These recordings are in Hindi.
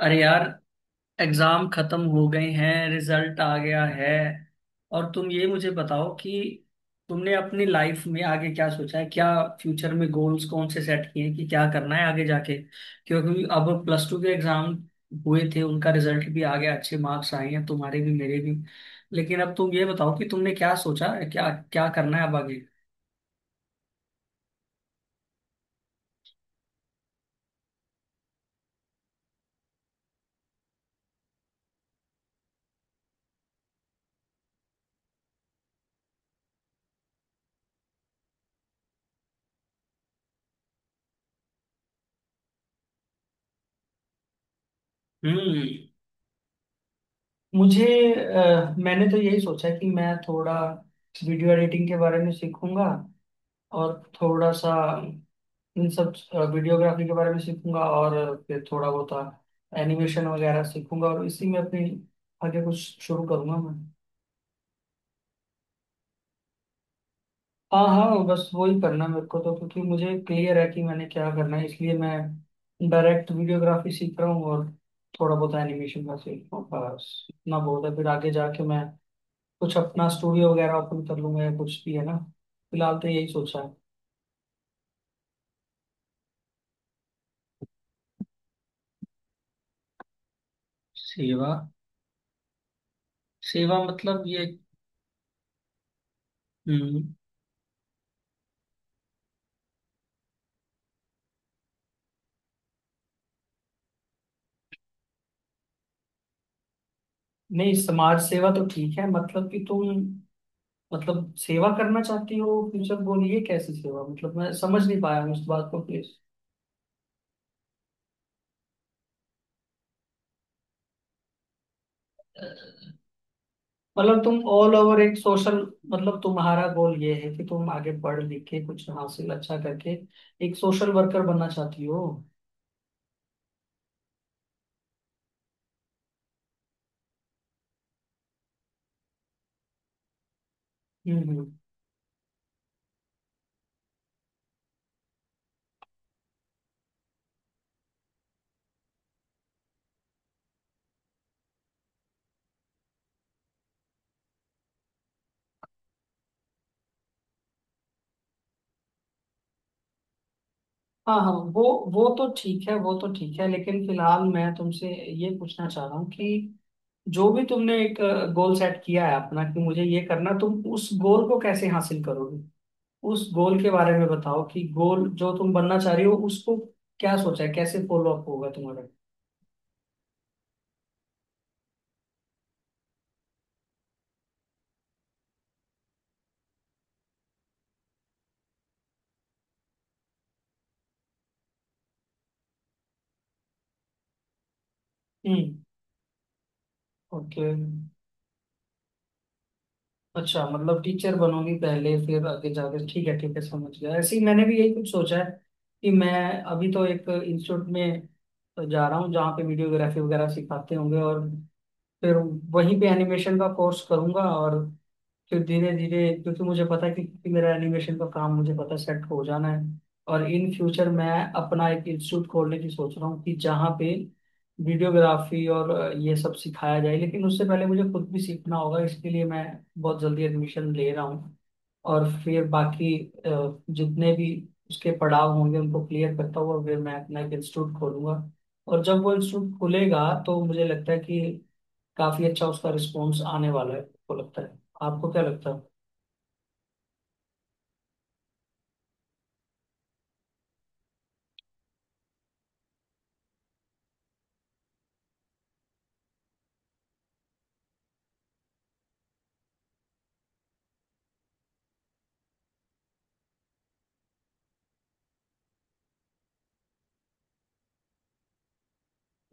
अरे यार, एग्जाम खत्म हो गए हैं, रिजल्ट आ गया है। और तुम ये मुझे बताओ कि तुमने अपनी लाइफ में आगे क्या सोचा है, क्या फ्यूचर में गोल्स कौन से सेट किए हैं कि क्या करना है आगे जाके। क्योंकि अब प्लस टू के एग्जाम हुए थे, उनका रिजल्ट भी आ गया, अच्छे मार्क्स आए हैं तुम्हारे भी मेरे भी। लेकिन अब तुम ये बताओ कि तुमने क्या सोचा है, क्या क्या करना है अब आगे। हम्म। मुझे मैंने तो यही सोचा कि मैं थोड़ा वीडियो एडिटिंग के बारे में सीखूंगा और थोड़ा सा इन सब वीडियोग्राफी के बारे में सीखूंगा, और फिर थोड़ा बहुत एनिमेशन वगैरह सीखूंगा और इसी में अपनी आगे कुछ शुरू करूंगा मैं। हाँ हाँ, बस वही करना है मेरे को तो, क्योंकि मुझे क्लियर है कि मैंने क्या करना है, इसलिए मैं डायरेक्ट वीडियोग्राफी सीख रहा हूँ और थोड़ा बहुत एनिमेशन का सीख रहा हूँ, बस इतना बहुत है। फिर आगे जाके मैं कुछ अपना स्टूडियो वगैरह ओपन कर लूंगा या कुछ भी, है ना। फिलहाल तो यही सोचा है। सेवा। सेवा मतलब ये। हम्म। नहीं, समाज सेवा तो ठीक है, मतलब कि तुम मतलब सेवा करना चाहती हो, फ्यूचर गोल ये कैसी सेवा, मतलब मैं समझ नहीं पाया हूँ इस बात को, प्लीज। मतलब तुम ऑल ओवर एक सोशल, मतलब तुम्हारा गोल ये है कि तुम आगे पढ़ लिख के कुछ हासिल अच्छा करके एक सोशल वर्कर बनना चाहती हो। हम्म हम्म। हाँ हाँ, वो तो ठीक है, वो तो ठीक है, लेकिन फिलहाल मैं तुमसे ये पूछना चाह रहा हूँ कि जो भी तुमने एक गोल सेट किया है अपना कि मुझे ये करना, तुम उस गोल को कैसे हासिल करोगे, उस गोल के बारे में बताओ कि गोल जो तुम बनना चाह रही हो उसको क्या सोचा है, कैसे फॉलो अप होगा तुम्हारा। हम्म। ओके। अच्छा, मतलब टीचर बनोगी पहले फिर आगे जाकर, ठीक है ठीक है, समझ गया। ऐसे ही मैंने भी यही कुछ सोचा है कि मैं अभी तो एक इंस्टीट्यूट में जा रहा हूँ जहाँ पे वीडियोग्राफी वगैरह सिखाते होंगे, और फिर वहीं पे एनिमेशन का कोर्स करूंगा, और फिर धीरे धीरे, क्योंकि मुझे पता है कि मेरा एनिमेशन का काम मुझे पता है सेट हो जाना है। और इन फ्यूचर मैं अपना एक इंस्टीट्यूट खोलने की सोच रहा हूँ कि जहाँ पे वीडियोग्राफी और ये सब सिखाया जाए, लेकिन उससे पहले मुझे खुद भी सीखना होगा, इसके लिए मैं बहुत जल्दी एडमिशन ले रहा हूँ। और फिर बाकी जितने भी उसके पड़ाव होंगे उनको क्लियर करता हुआ फिर मैं अपना एक इंस्टीट्यूट खोलूंगा। और जब वो इंस्टीट्यूट खुलेगा तो मुझे लगता है कि काफी अच्छा उसका रिस्पॉन्स आने वाला है। आपको लगता है, आपको क्या लगता है?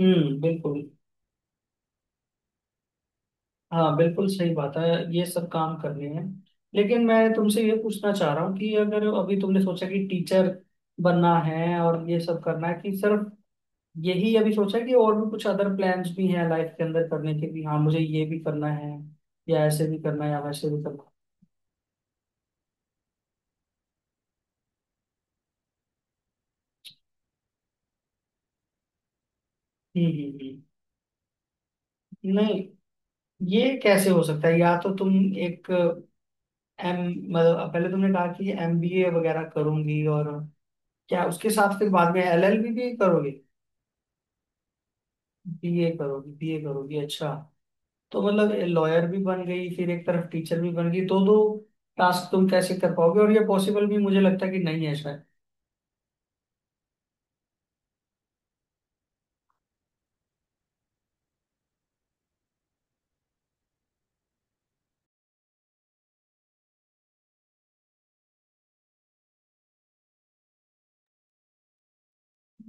हम्म, बिल्कुल। हाँ बिल्कुल सही बात है, ये सब काम करने हैं। लेकिन मैं तुमसे ये पूछना चाह रहा हूँ कि अगर अभी तुमने सोचा कि टीचर बनना है और ये सब करना है, कि सिर्फ यही अभी सोचा है कि और भी कुछ अदर प्लान्स भी हैं लाइफ के अंदर करने के भी, हाँ मुझे ये भी करना है या ऐसे भी करना है या वैसे भी करना है। हम्म। हम्म। नहीं, ये कैसे हो सकता है? या तो तुम एक एम, मतलब पहले तुमने कहा कि एमबीए वगैरह करूंगी, और क्या उसके साथ फिर बाद में एलएलबी भी करोगे? बीए करोगी, बीए करोगी, अच्छा। तो मतलब लॉयर भी बन गई फिर एक तरफ टीचर भी बन गई, दो दो टास्क तुम कैसे कर पाओगे? और ये पॉसिबल भी मुझे लगता है कि नहीं है शायद।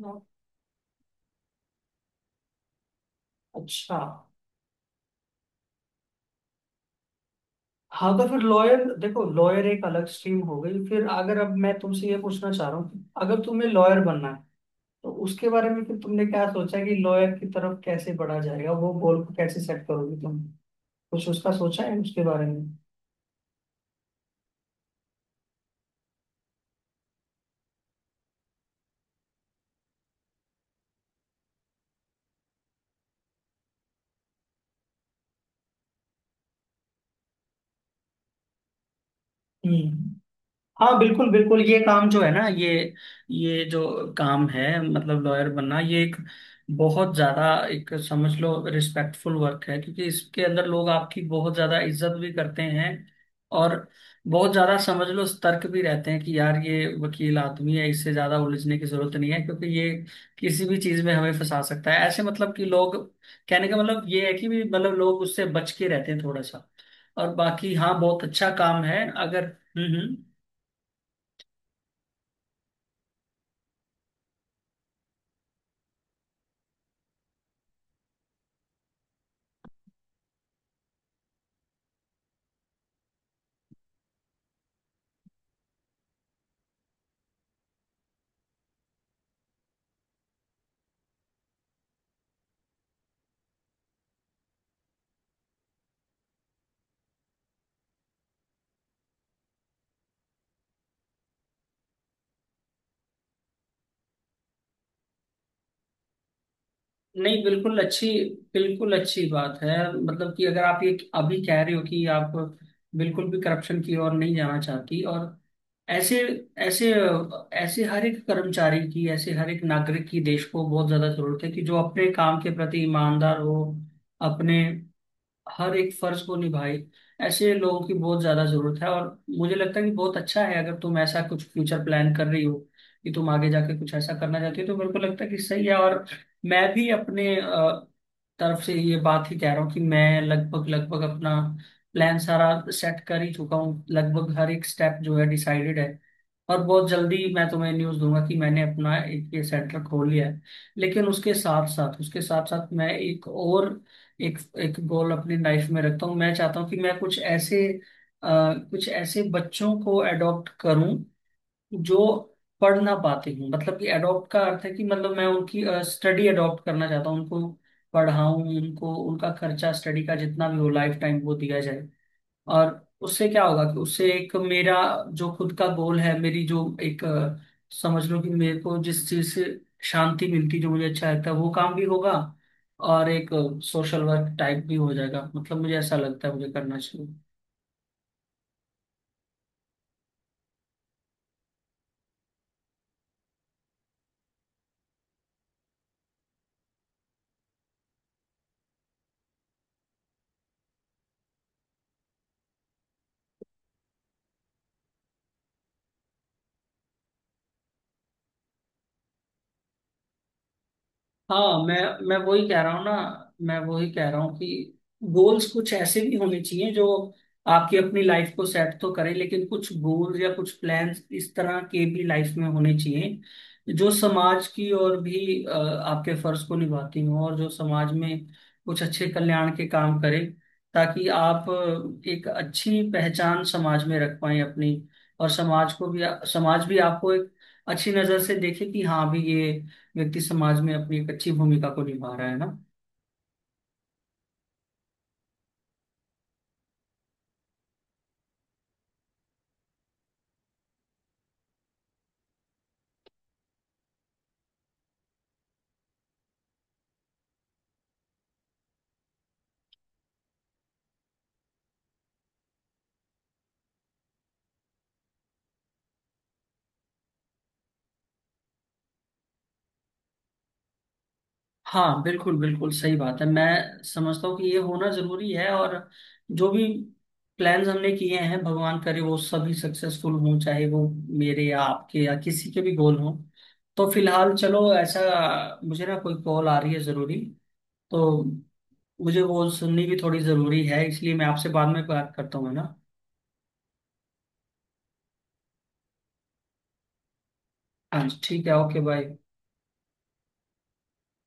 हाँ। अच्छा। हाँ तो फिर लॉयर, देखो लॉयर एक अलग स्ट्रीम हो गई फिर, अगर अब मैं तुमसे ये पूछना चाह रहा हूँ कि अगर तुम्हें लॉयर बनना है तो उसके बारे में फिर तुमने क्या सोचा है कि लॉयर की तरफ कैसे बढ़ा जाएगा, वो गोल को कैसे सेट करोगी तुम, कुछ उसका सोचा है उसके बारे में? हम्म। हाँ बिल्कुल बिल्कुल, ये काम जो है ना, ये जो काम है मतलब लॉयर बनना, ये एक बहुत ज्यादा एक समझ लो रिस्पेक्टफुल वर्क है, क्योंकि इसके अंदर लोग आपकी बहुत ज्यादा इज्जत भी करते हैं और बहुत ज्यादा समझ लो सतर्क भी रहते हैं कि यार ये वकील आदमी है, इससे ज्यादा उलझने की जरूरत नहीं है, क्योंकि ये किसी भी चीज में हमें फंसा सकता है ऐसे, मतलब कि लोग, कहने का मतलब ये है कि भी मतलब लोग उससे बच के रहते हैं थोड़ा सा। और बाकी हाँ बहुत अच्छा काम है अगर। हम्म। नहीं बिल्कुल अच्छी, बिल्कुल अच्छी बात है, मतलब कि अगर आप ये अभी कह रहे हो कि आप बिल्कुल भी करप्शन की ओर नहीं जाना चाहती, और ऐसे ऐसे ऐसे हर एक कर्मचारी की, ऐसे हर एक नागरिक की देश को बहुत ज्यादा जरूरत है कि जो अपने काम के प्रति ईमानदार हो, अपने हर एक फर्ज को निभाए, ऐसे लोगों की बहुत ज्यादा जरूरत है। और मुझे लगता है कि बहुत अच्छा है अगर तुम ऐसा कुछ फ्यूचर प्लान कर रही हो कि तुम आगे जाके कुछ ऐसा करना चाहती हो, तो मेरे को लगता है कि सही है। और मैं भी अपने तरफ से ये बात ही कह रहा हूँ कि मैं लगभग लगभग अपना प्लान सारा सेट कर ही चुका हूँ, लगभग हर एक स्टेप जो है डिसाइडेड है। और बहुत जल्दी मैं तुम्हें न्यूज़ दूंगा कि मैंने अपना एक ये सेंटर खोल लिया है। लेकिन उसके साथ साथ, उसके साथ साथ, मैं एक और एक एक गोल अपनी लाइफ में रखता हूँ, मैं चाहता हूँ कि मैं कुछ ऐसे कुछ ऐसे बच्चों को अडॉप्ट करूँ जो पढ़ ना पाते हूँ, मतलब कि अडॉप्ट का अर्थ है कि मतलब मैं उनकी स्टडी अडॉप्ट करना चाहता हूँ, उनको पढ़ाऊँ उनको, उनका खर्चा स्टडी का जितना भी हो लाइफ टाइम वो दिया जाए। और उससे क्या होगा कि उससे एक मेरा जो खुद का गोल है, मेरी जो एक समझ लो कि मेरे को जिस चीज से शांति मिलती जो मुझे अच्छा लगता है, वो काम भी होगा और एक सोशल वर्क टाइप भी हो जाएगा, मतलब मुझे ऐसा लगता है मुझे करना चाहिए। हाँ, मैं वही कह रहा हूँ ना, मैं वही कह रहा हूँ कि गोल्स कुछ ऐसे भी होने चाहिए जो आपकी अपनी लाइफ को सेट तो करे, लेकिन कुछ गोल्स या कुछ प्लान्स इस तरह के भी लाइफ में होने चाहिए जो समाज की और भी आपके फर्ज को निभाती हो और जो समाज में कुछ अच्छे कल्याण के काम करे, ताकि आप एक अच्छी पहचान समाज में रख पाए अपनी और समाज को भी, समाज भी आपको एक अच्छी नजर से देखे कि हाँ भी ये व्यक्ति समाज में अपनी एक अच्छी भूमिका को निभा रहा है, ना। हाँ बिल्कुल बिल्कुल सही बात है, मैं समझता हूँ कि ये होना जरूरी है। और जो भी प्लान्स हमने किए हैं भगवान करे वो सभी सक्सेसफुल हों, चाहे वो मेरे या आपके या किसी के भी गोल हों। तो फिलहाल चलो ऐसा, मुझे ना कोई कॉल आ रही है जरूरी, तो मुझे वो सुननी भी थोड़ी जरूरी है, इसलिए मैं आपसे बाद में बात करता हूँ, है ना। हाँ जी ठीक है, ओके बाय।